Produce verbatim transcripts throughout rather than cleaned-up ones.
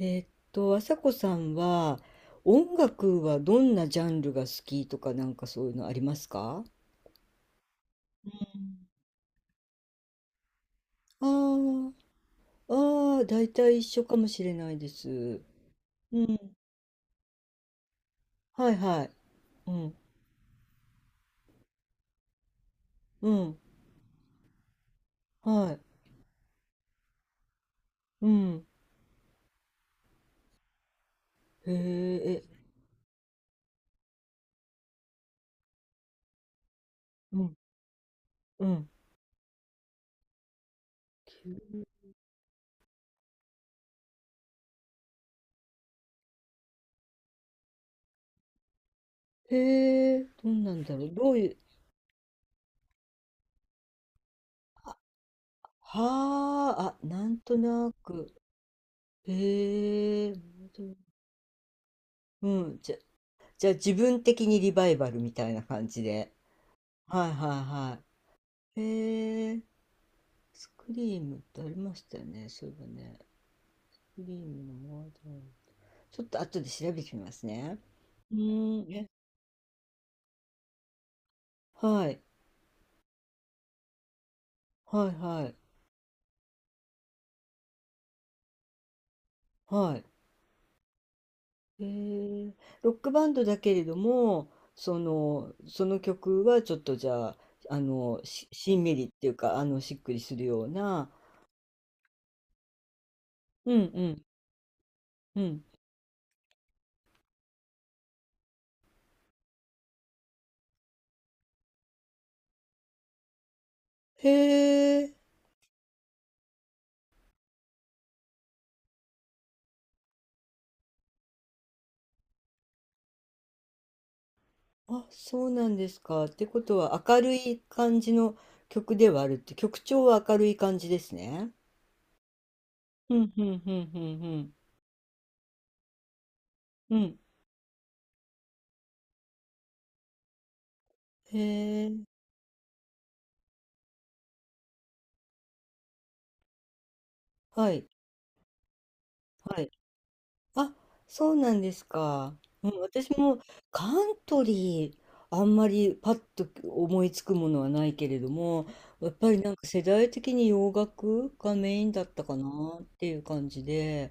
えーっと、朝子さんは音楽はどんなジャンルが好きとかなんかそういうのありますか？うん。あー。あー、大体一緒かもしれないです。うん。はいはい。うん。うん。はい。うん。へえ、え、うん。うん。へえ、どんなんだろう。どういう、はあ、あ、なんとなく。へえ、うん。じゃ、じゃあ自分的にリバイバルみたいな感じで。はいはいはい。えー、スクリームってありましたよね、そういえばね。スクリームのワードローブちょっと後で調べてみますね。うーん、え、はい、はいはい、はい。えー、ロックバンドだけれども、その、その曲はちょっとじゃあ、あの、し、しんみりっていうか、あの、しっくりするような、うんうん、うん。へえ。あ、そうなんですか。ってことは明るい感じの曲ではあるって、曲調は明るい感じですね。うん、うん、うん、うん、うん。うん。へえ、はい、はい。あ、そうなんですか。うん、私もカントリー、あんまりパッと思いつくものはないけれども、やっぱりなんか世代的に洋楽がメインだったかなっていう感じで、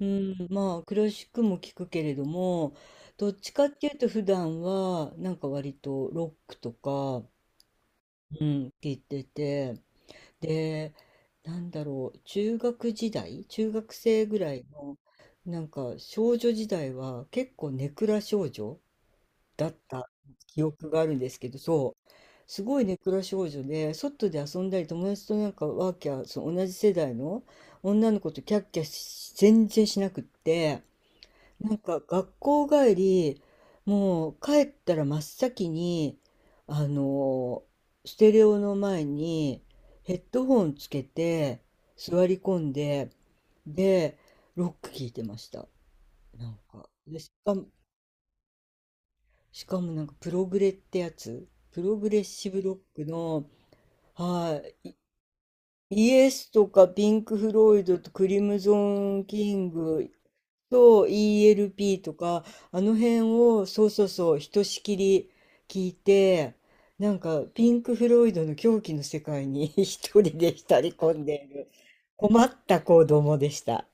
うん、まあクラシックも聞くけれども、どっちかっていうと普段はなんか割とロックとか、うん、聞いてて、で、なんだろう、中学時代、中学生ぐらいの、なんか少女時代は結構ネクラ少女だった記憶があるんですけど、そう、すごいネクラ少女で、外で遊んだり友達となんかワーキャー、その同じ世代の女の子とキャッキャし全然しなくって、なんか学校帰り、もう帰ったら真っ先に、あのステレオの前にヘッドホンつけて座り込んで、で、ロック聞いてました。なんか。で、しかも、しかもなんかプログレってやつ、プログレッシブロックの、はい、イイエスとかピンク・フロイドとクリムゾン・キング、そう、イーエルピー とか、あの辺を、そうそうそう、ひとしきり聞いて、なんか、ピンク・フロイドの狂気の世界に 一人で浸り込んでいる、困った子供でした。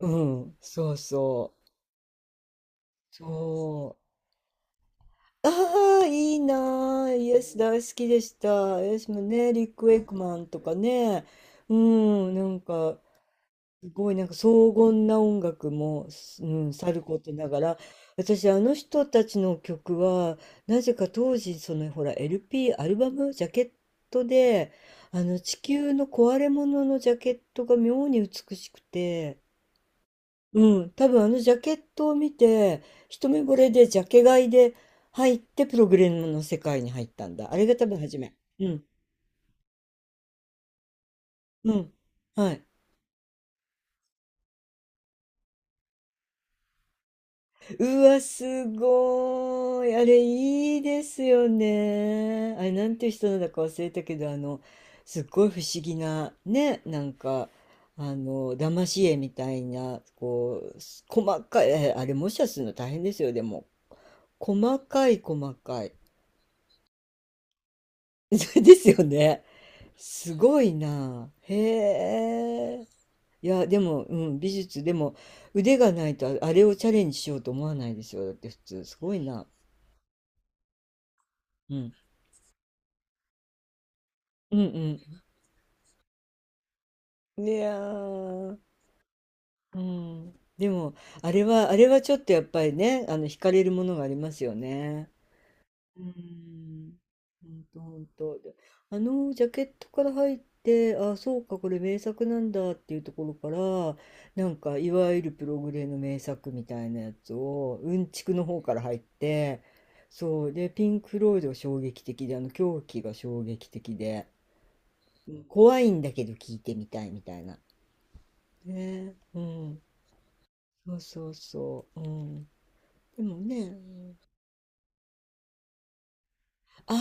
うん、そうそう。そう。ああ、いいなあ。イエス大好きでした。イエスもね、リック・ウェイクマンとかね。うん、なんか、すごいなんか荘厳な音楽も、すうん、さることながら私あの人たちの曲はなぜか当時そのほら エルピー アルバムジャケットで、あの地球の壊れ物のジャケットが妙に美しくて、うん、多分あのジャケットを見て一目惚れでジャケ買いで入って、プログレムの世界に入ったんだ。あれが多分初め。うん。うん。はい。うわ、すごい。あれ、いいですよね。あれ、なんていう人なんだか忘れたけど、あの、すっごい不思議な、ね、なんか、あの、騙し絵みたいな、こう、す細かい、えあれ、模写するの大変ですよ、でも。細かい、細かい。ですよね。すごいな。へえ。いや、でも、うん、美術、でも、腕がないと、ああれをチャレンジしようと思わないですよ。だって、普通、すごいな。うん。うんうん。いやー、うん、でもあれはあれはちょっとやっぱりね、あの惹かれるものがありますよね。うん。ほんとほんと。で、あのジャケットから入って、あ、そうか、これ名作なんだっていうところから、なんかいわゆるプログレの名作みたいなやつをうんちくの方から入って、そうでピンク・フロイドが衝撃的で、あの狂気が衝撃的で、うん、怖いんだけど聞いてみたいみたいな。ね、うん。そうそうそう。うん。でもね、あ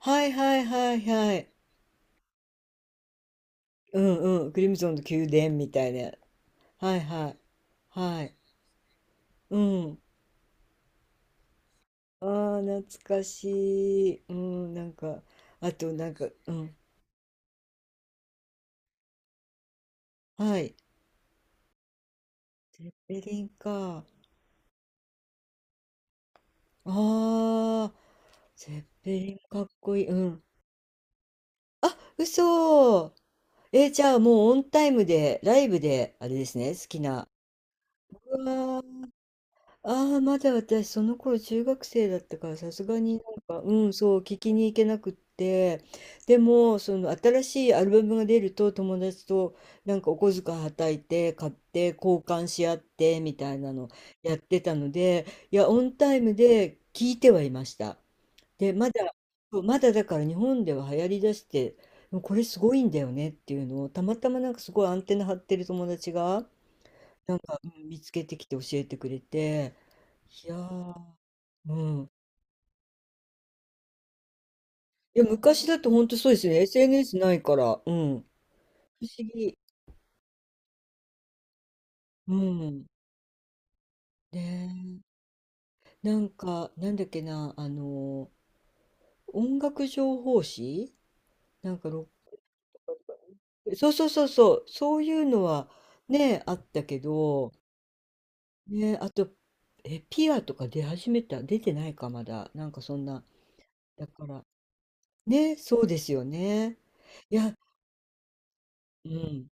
あ、はいはいはいはい。うんうん。クリムゾンの宮殿みたいな。はいはい。はい。うん。ああ、懐かしい。うん、なんか、あとなんか、うん。はい。ゼッペリンか。ああ、ゼッペリンかっこいい。うん。あ、嘘。えー、じゃあもうオンタイムで、ライブで、あれですね、好きな。うわ。ああ、まだ私、その頃中学生だったから、さすがになんか、うん、そう、聞きに行けなくって、でも、その新しいアルバムが出ると、友達となんかお小遣いはたいて、買って、交換し合って、みたいなのやってたので、いや、オンタイムで聞いてはいました。で、まだ、そう、まだだから日本では流行りだして、でもこれすごいんだよねっていうのを、たまたまなんかすごいアンテナ張ってる友達が、なんか、うん、見つけてきて教えてくれて、いやー、うん。いや、昔だと本当そうですよね。エスエヌエス ないから。うん。不思議。うん。ねえ。なんか、なんだっけな、あの音楽情報誌、なんかロック、そうそうそうそう、そういうのはね、あったけど、ね、あと、え、ピアとか出始めた、出てないか、まだ。なんかそんな。だから、ね、そうですよね。いや、うん。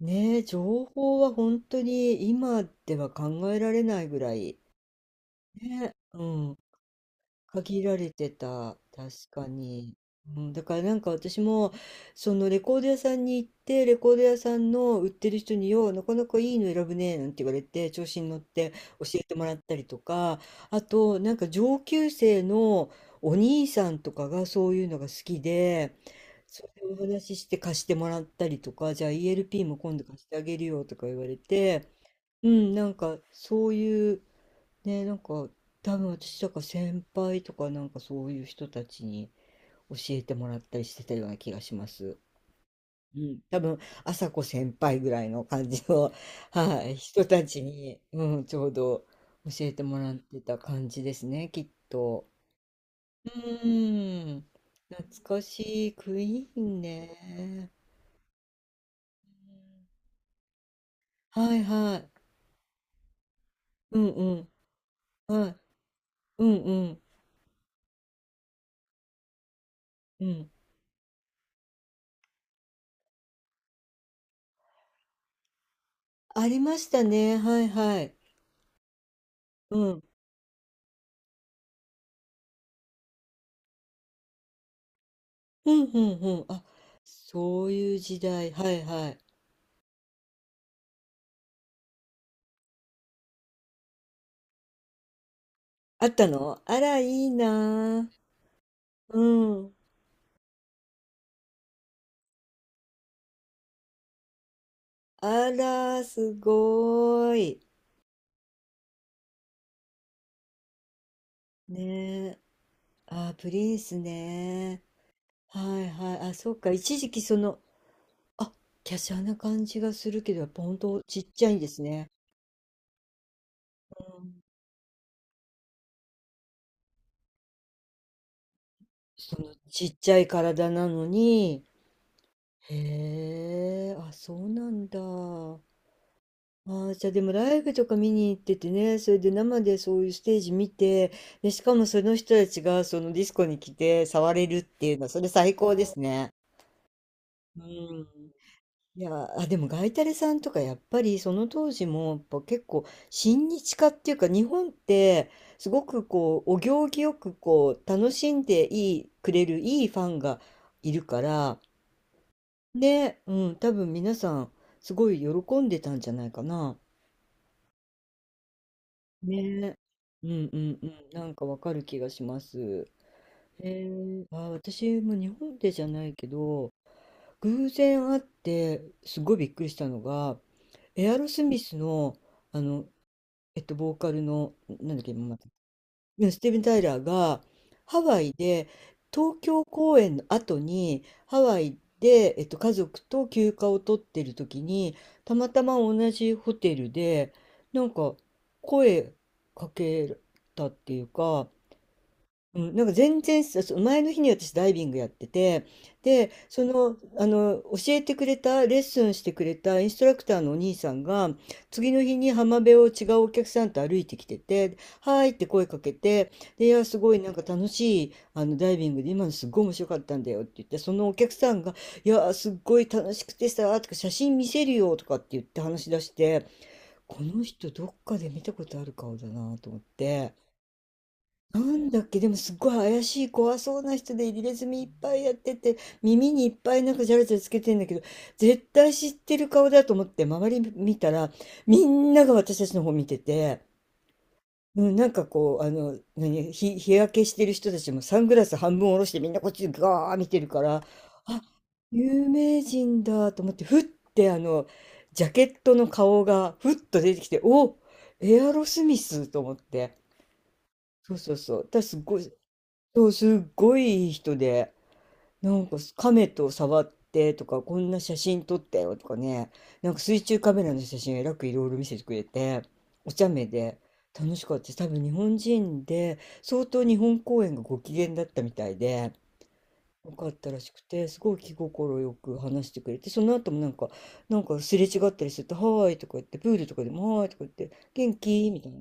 ねえ、情報は本当に今では考えられないぐらい、ね、うん、限られてた、確かに。うん、だからなんか私も、そのレコード屋さんに行って、レコード屋さんの売ってる人に、よう、なかなかいいの選ぶね、なんて言われて、調子に乗って教えてもらったりとか、あと、なんか上級生のお兄さんとかがそういうのが好きで、それでお話しして貸してもらったりとか、じゃあ イーエルピー も今度貸してあげるよとか言われて、うん、なんかそういう、ね、なんか多分私とか先輩とかなんかそういう人たちに教えてもらったりしてたような気がします。うん、多分朝子先輩ぐらいの感じの、はい、人たちに、うん、ちょうど教えてもらってた感じですね、きっと。うーん、懐かしいクイーンね。はいはい。うんうん。はい。うんうん。うん。ありましたね。はいはい。うん。うんうんうん。あ、そういう時代。はいはい。あったの。あら、いいなあ。うん。あら、すごーい。ねえ。あ、プリンスね。はいはい。あ、そっか。一時期その、あ、華奢な感じがするけど、やっぱ本当ちっちゃいんですね。うん。そのちっちゃい体なのに、へえ、あ、そうなんだ。あー、じゃあでもライブとか見に行っててね、それで生でそういうステージ見て、で、しかもその人たちがそのディスコに来て触れるっていうのは、それ最高ですね。うん。いや、あ、でもガイタレさんとかやっぱりその当時もやっぱ結構親日家っていうか、日本ってすごくこうお行儀よくこう楽しんでいいくれるいいファンがいるから、ね、うん、多分皆さん、すごい喜んでたんじゃないかな。ね。うんうんうん、なんかわかる気がします。へえ、あ、私も日本でじゃないけど、偶然会って、すごいびっくりしたのが、エアロスミスの、あの、えっと、ボーカルの、なんだっけ、まね、スティーブン・タイラーがハワイで東京公演の後にハワイで、えっと、家族と休暇を取ってる時にたまたま同じホテルでなんか声かけたっていうか。うん、なんか全然さ、そう前の日に私ダイビングやってて、で、その、あの、教えてくれた、レッスンしてくれたインストラクターのお兄さんが、次の日に浜辺を違うお客さんと歩いてきてて、はーいって声かけて、で、いや、すごいなんか楽しい、あの、ダイビングで今のすっごい面白かったんだよって言って、そのお客さんが、いや、すっごい楽しくてさ、とか写真見せるよとかって言って話し出して、この人どっかで見たことある顔だなと思って、なんだっけ、でもすっごい怪しい怖そうな人で入れ墨いっぱいやってて、耳にいっぱいなんかジャラジャラつけてんだけど、絶対知ってる顔だと思って周り見たら、みんなが私たちの方見てて、うん、なんかこう、あの、何、日、日焼けしてる人たちもサングラス半分下ろしてみんなこっちガー見てるから、あ、有名人だと思って、ふってあの、ジャケットの顔がふっと出てきて、お、エアロスミスと思って。そうそうそう。だからすごい、そう、すっごいいい人で、なんか亀と触ってとか、こんな写真撮ったよとかね、なんか水中カメラの写真えらくいろいろ見せてくれて、お茶目で楽しかったです。多分日本人で、相当日本公演がご機嫌だったみたいで、よかったらしくて、すごい気心よく話してくれて、その後もなんか、なんかすれ違ったりすると、はーいとか言って、プールとかでもはーいとか言って、元気みたいな。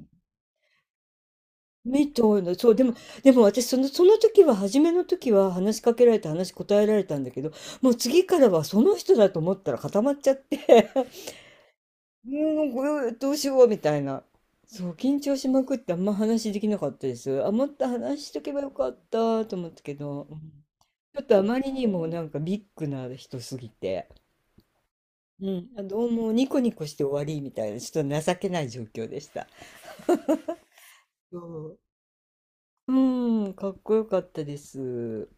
みたいな、そう、でもでも私そのその時は初めの時は話しかけられて話し答えられたんだけど、もう次からはその人だと思ったら固まっちゃって、もうこれどうしようみたいな。そう、緊張しまくってあんま話できなかったです。あ、もっと話しとけばよかったと思ったけど、うん、ちょっとあまりにもなんかビッグな人すぎて、うん、あどうもニコニコして終わりみたいな、ちょっと情けない状況でした。そう、うん、かっこよかったです。